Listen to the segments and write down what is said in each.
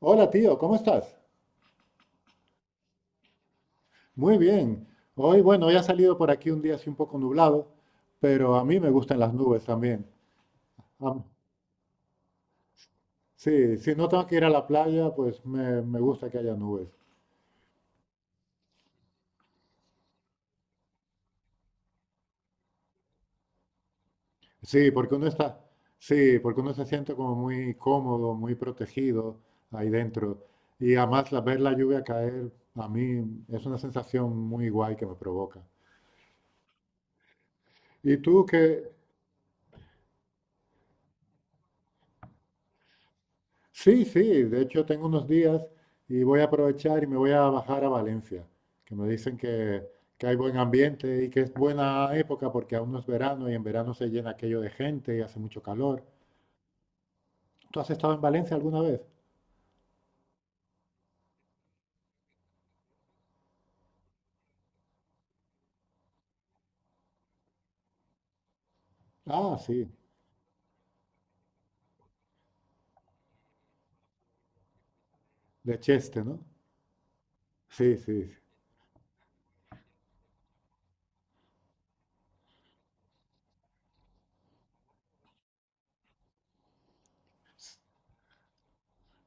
Hola tío, ¿cómo estás? Muy bien. Hoy, bueno, ya ha salido por aquí un día así un poco nublado, pero a mí me gustan las nubes también. Am- sí, si no tengo que ir a la playa, pues me gusta que haya nubes. Sí, porque uno está, sí, porque uno se siente como muy cómodo, muy protegido ahí dentro. Y además ver la lluvia caer, a mí es una sensación muy guay que me provoca. ¿Y tú qué? Sí, sí, de hecho tengo unos días y voy a aprovechar y me voy a bajar a Valencia, que me dicen que, que hay buen ambiente y que es buena época porque aún no es verano y en verano se llena aquello de gente y hace mucho calor. ¿Tú has estado en Valencia alguna vez? Ah, sí, de Cheste, ¿no? Sí, sí, sí.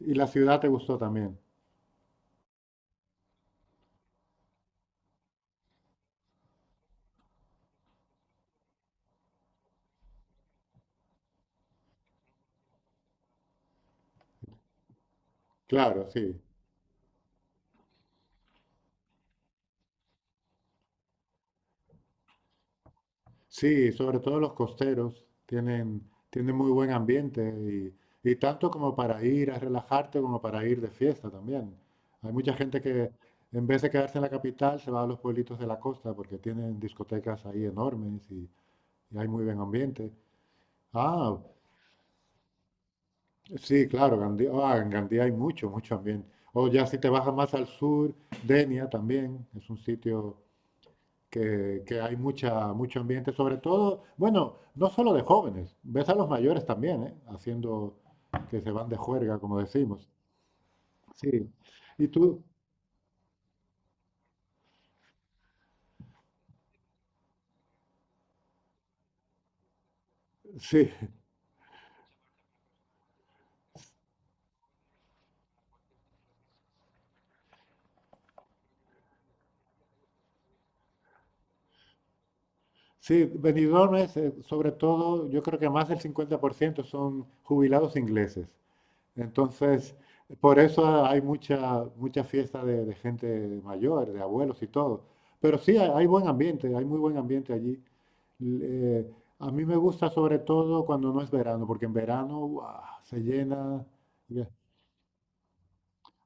Y la ciudad te gustó también. Claro, sí. Sí, sobre todo los costeros tienen muy buen ambiente, y tanto como para ir a relajarte como para ir de fiesta también. Hay mucha gente que en vez de quedarse en la capital se va a los pueblitos de la costa porque tienen discotecas ahí enormes y hay muy buen ambiente. Ah, sí, claro, Gandía, ah, en Gandía hay mucho, mucho ambiente. O ya si te bajas más al sur, Denia también es un sitio que hay mucha, mucho ambiente, sobre todo, bueno, no solo de jóvenes, ves a los mayores también, ¿eh? Haciendo que se van de juerga, como decimos. Sí. Y tú, sí, sí, Benidorm es, sobre todo, yo creo que más del 50% son jubilados ingleses. Entonces, por eso hay mucha, mucha fiesta de gente mayor, de abuelos y todo. Pero sí, hay buen ambiente, hay muy buen ambiente allí. L- eh, a mí me gusta sobre todo cuando no es verano, porque en verano ¡guau!, se llena.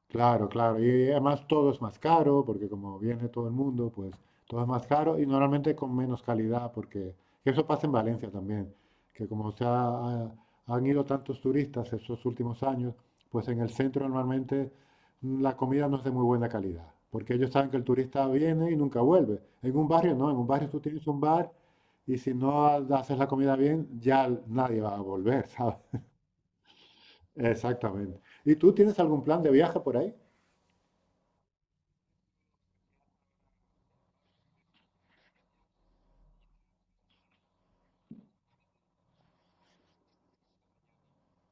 Claro, claro. Y además todo es más caro, porque como viene todo el mundo, pues todo es más caro y normalmente con menos calidad, porque eso pasa en Valencia también, que como han ido tantos turistas estos últimos años, pues en el centro normalmente la comida no es de muy buena calidad, porque ellos saben que el turista viene y nunca vuelve. En un barrio no, en un barrio tú tienes un bar y si no haces la comida bien, ya nadie va a volver, ¿sabes? Exactamente. ¿Y tú tienes algún plan de viaje por ahí?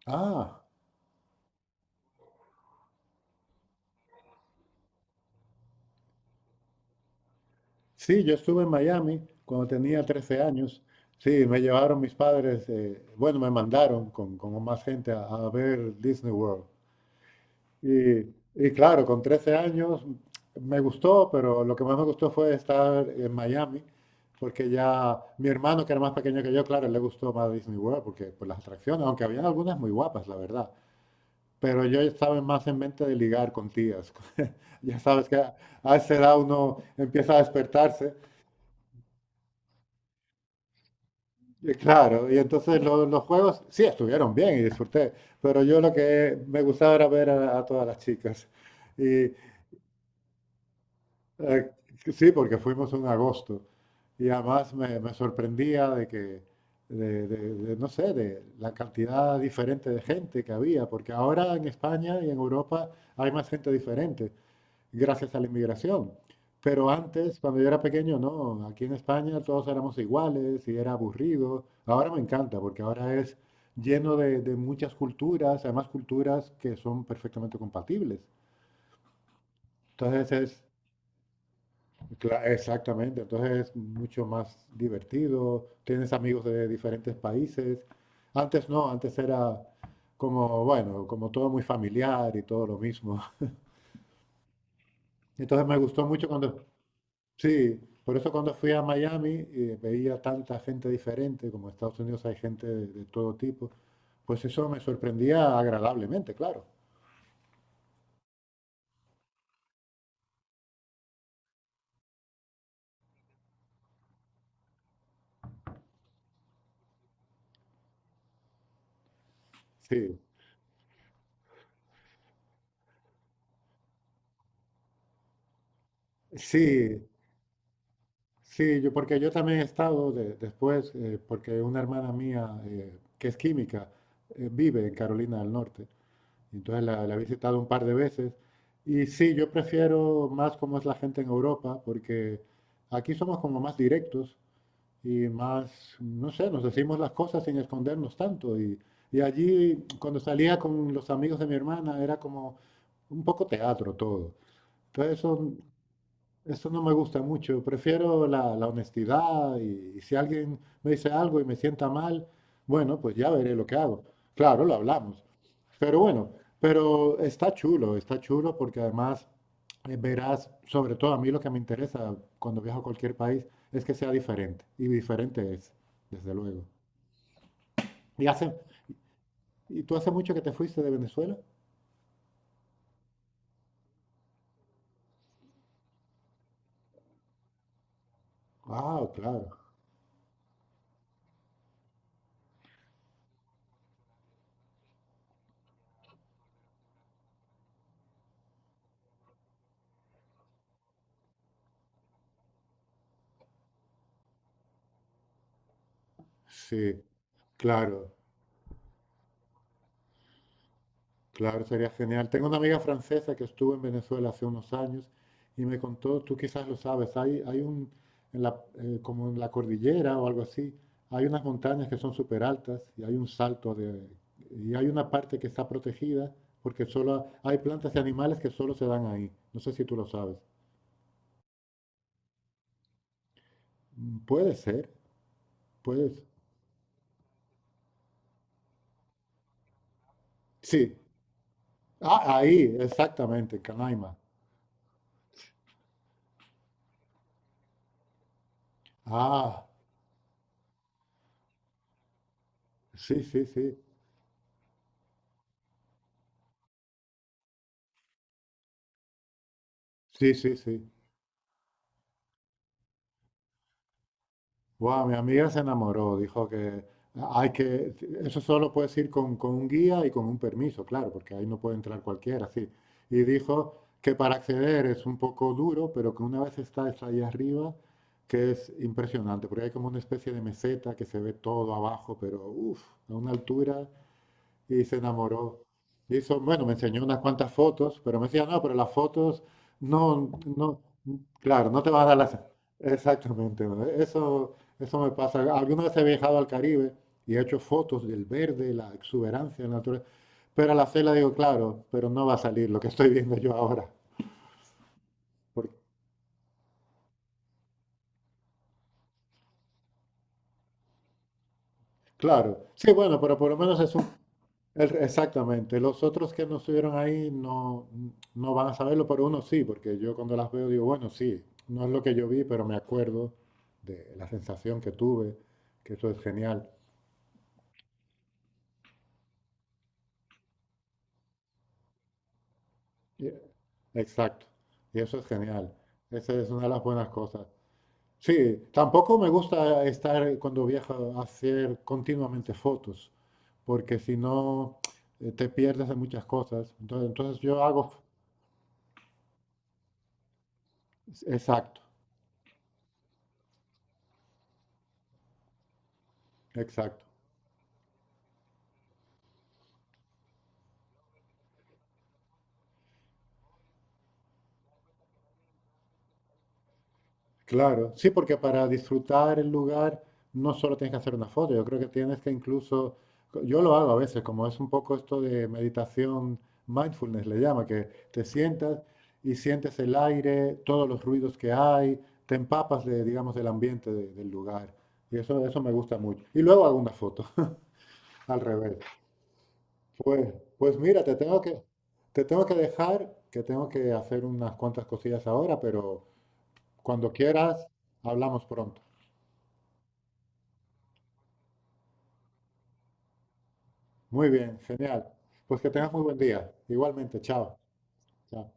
Ah. Sí, yo estuve en Miami cuando tenía 13 años. Sí, me llevaron mis padres, bueno, me mandaron con más gente a ver Disney World. Y, y claro, con 13 años me gustó, pero lo que más me gustó fue estar en Miami, porque ya mi hermano, que era más pequeño que yo, claro, le gustó más Disney World, porque por las atracciones, aunque habían algunas muy guapas, la verdad. Pero yo estaba más en mente de ligar con tías. Ya sabes que a esa edad uno empieza a despertarse. Y claro, y entonces los juegos sí estuvieron bien y disfruté, pero yo lo que me gustaba era ver a todas las chicas. Y eh, sí, porque fuimos en agosto y además me, me sorprendía de que, de, de, no sé, de la cantidad diferente de gente que había, porque ahora en España y en Europa hay más gente diferente gracias a la inmigración. Pero antes, cuando yo era pequeño, no, aquí en España todos éramos iguales y era aburrido. Ahora me encanta porque ahora es lleno de muchas culturas, además culturas que son perfectamente compatibles. Entonces es, exactamente, entonces es mucho más divertido, tienes amigos de diferentes países. Antes no, antes era como, bueno, como todo muy familiar y todo lo mismo. Entonces me gustó mucho cuando sí, por eso cuando fui a Miami veía tanta gente diferente, como en Estados Unidos hay gente de todo tipo, pues eso me sorprendía agradablemente, claro. Sí, sí, sí, yo, porque yo también he estado después, porque una hermana mía que es química, vive en Carolina del Norte, y entonces la he visitado un par de veces. Y sí, yo prefiero más cómo es la gente en Europa, porque aquí somos como más directos, y más, no sé, nos decimos las cosas sin escondernos tanto. Y allí, cuando salía con los amigos de mi hermana, era como un poco teatro todo. Entonces eso no me gusta mucho. Prefiero la, la honestidad y si alguien me dice algo y me sienta mal, bueno, pues ya veré lo que hago. Claro, lo hablamos. Pero bueno, pero está chulo porque además verás, sobre todo a mí lo que me interesa cuando viajo a cualquier país es que sea diferente. Y diferente es, desde luego. ¿Y hace, y tú hace mucho que te fuiste de Venezuela? Ah, claro. Sí, claro. Claro, sería genial. Tengo una amiga francesa que estuvo en Venezuela hace unos años y me contó, tú quizás lo sabes, hay un, en la, como en la cordillera o algo así, hay unas montañas que son súper altas y hay un salto de, y hay una parte que está protegida porque solo hay plantas y animales que solo se dan ahí. No sé si tú lo sabes. Mm, puede ser, puede ser. Sí, ah, ahí, exactamente, en Canaima. Ah, sí, sí, sí, sí, sí, sí. Wow, mi amiga se enamoró, dijo que hay que, eso solo puedes ir con un guía y con un permiso, claro, porque ahí no puede entrar cualquiera, sí. Y dijo que para acceder es un poco duro, pero que una vez estás ahí arriba, que es impresionante, porque hay como una especie de meseta que se ve todo abajo, pero uff, a una altura y se enamoró. Hizo, bueno, me enseñó unas cuantas fotos, pero me decía, no, pero las fotos, no, no, claro, no te van a dar las... Exactamente, ¿no?, eso me pasa. Alguna vez he viajado al Caribe y he hecho fotos del verde, la exuberancia de la naturaleza, pero a la cela digo, claro, pero no va a salir lo que estoy viendo yo ahora. Porque, claro, sí, bueno, pero por lo menos es un exactamente. Los otros que no estuvieron ahí no, no van a saberlo, pero uno sí, porque yo cuando las veo digo, bueno, sí, no es lo que yo vi, pero me acuerdo de la sensación que tuve, que eso es genial. Y- Exacto. Y eso es genial. Esa es una de las buenas cosas. Sí, tampoco me gusta estar cuando viajo a hacer continuamente fotos, porque si no te pierdes de muchas cosas. Entonces, entonces yo hago, exacto, exacto. Claro, sí, porque para disfrutar el lugar no solo tienes que hacer una foto, yo creo que tienes que incluso, yo lo hago a veces, como es un poco esto de meditación, mindfulness le llama, que te sientas y sientes el aire, todos los ruidos que hay, te empapas de, digamos, del ambiente del lugar. Y eso me gusta mucho. Y luego hago una foto, al revés. Pues, pues mira, te tengo que dejar, que tengo que hacer unas cuantas cosillas ahora, pero cuando quieras, hablamos pronto. Muy bien, genial. Pues que tengas muy buen día. Igualmente, chao. Chao.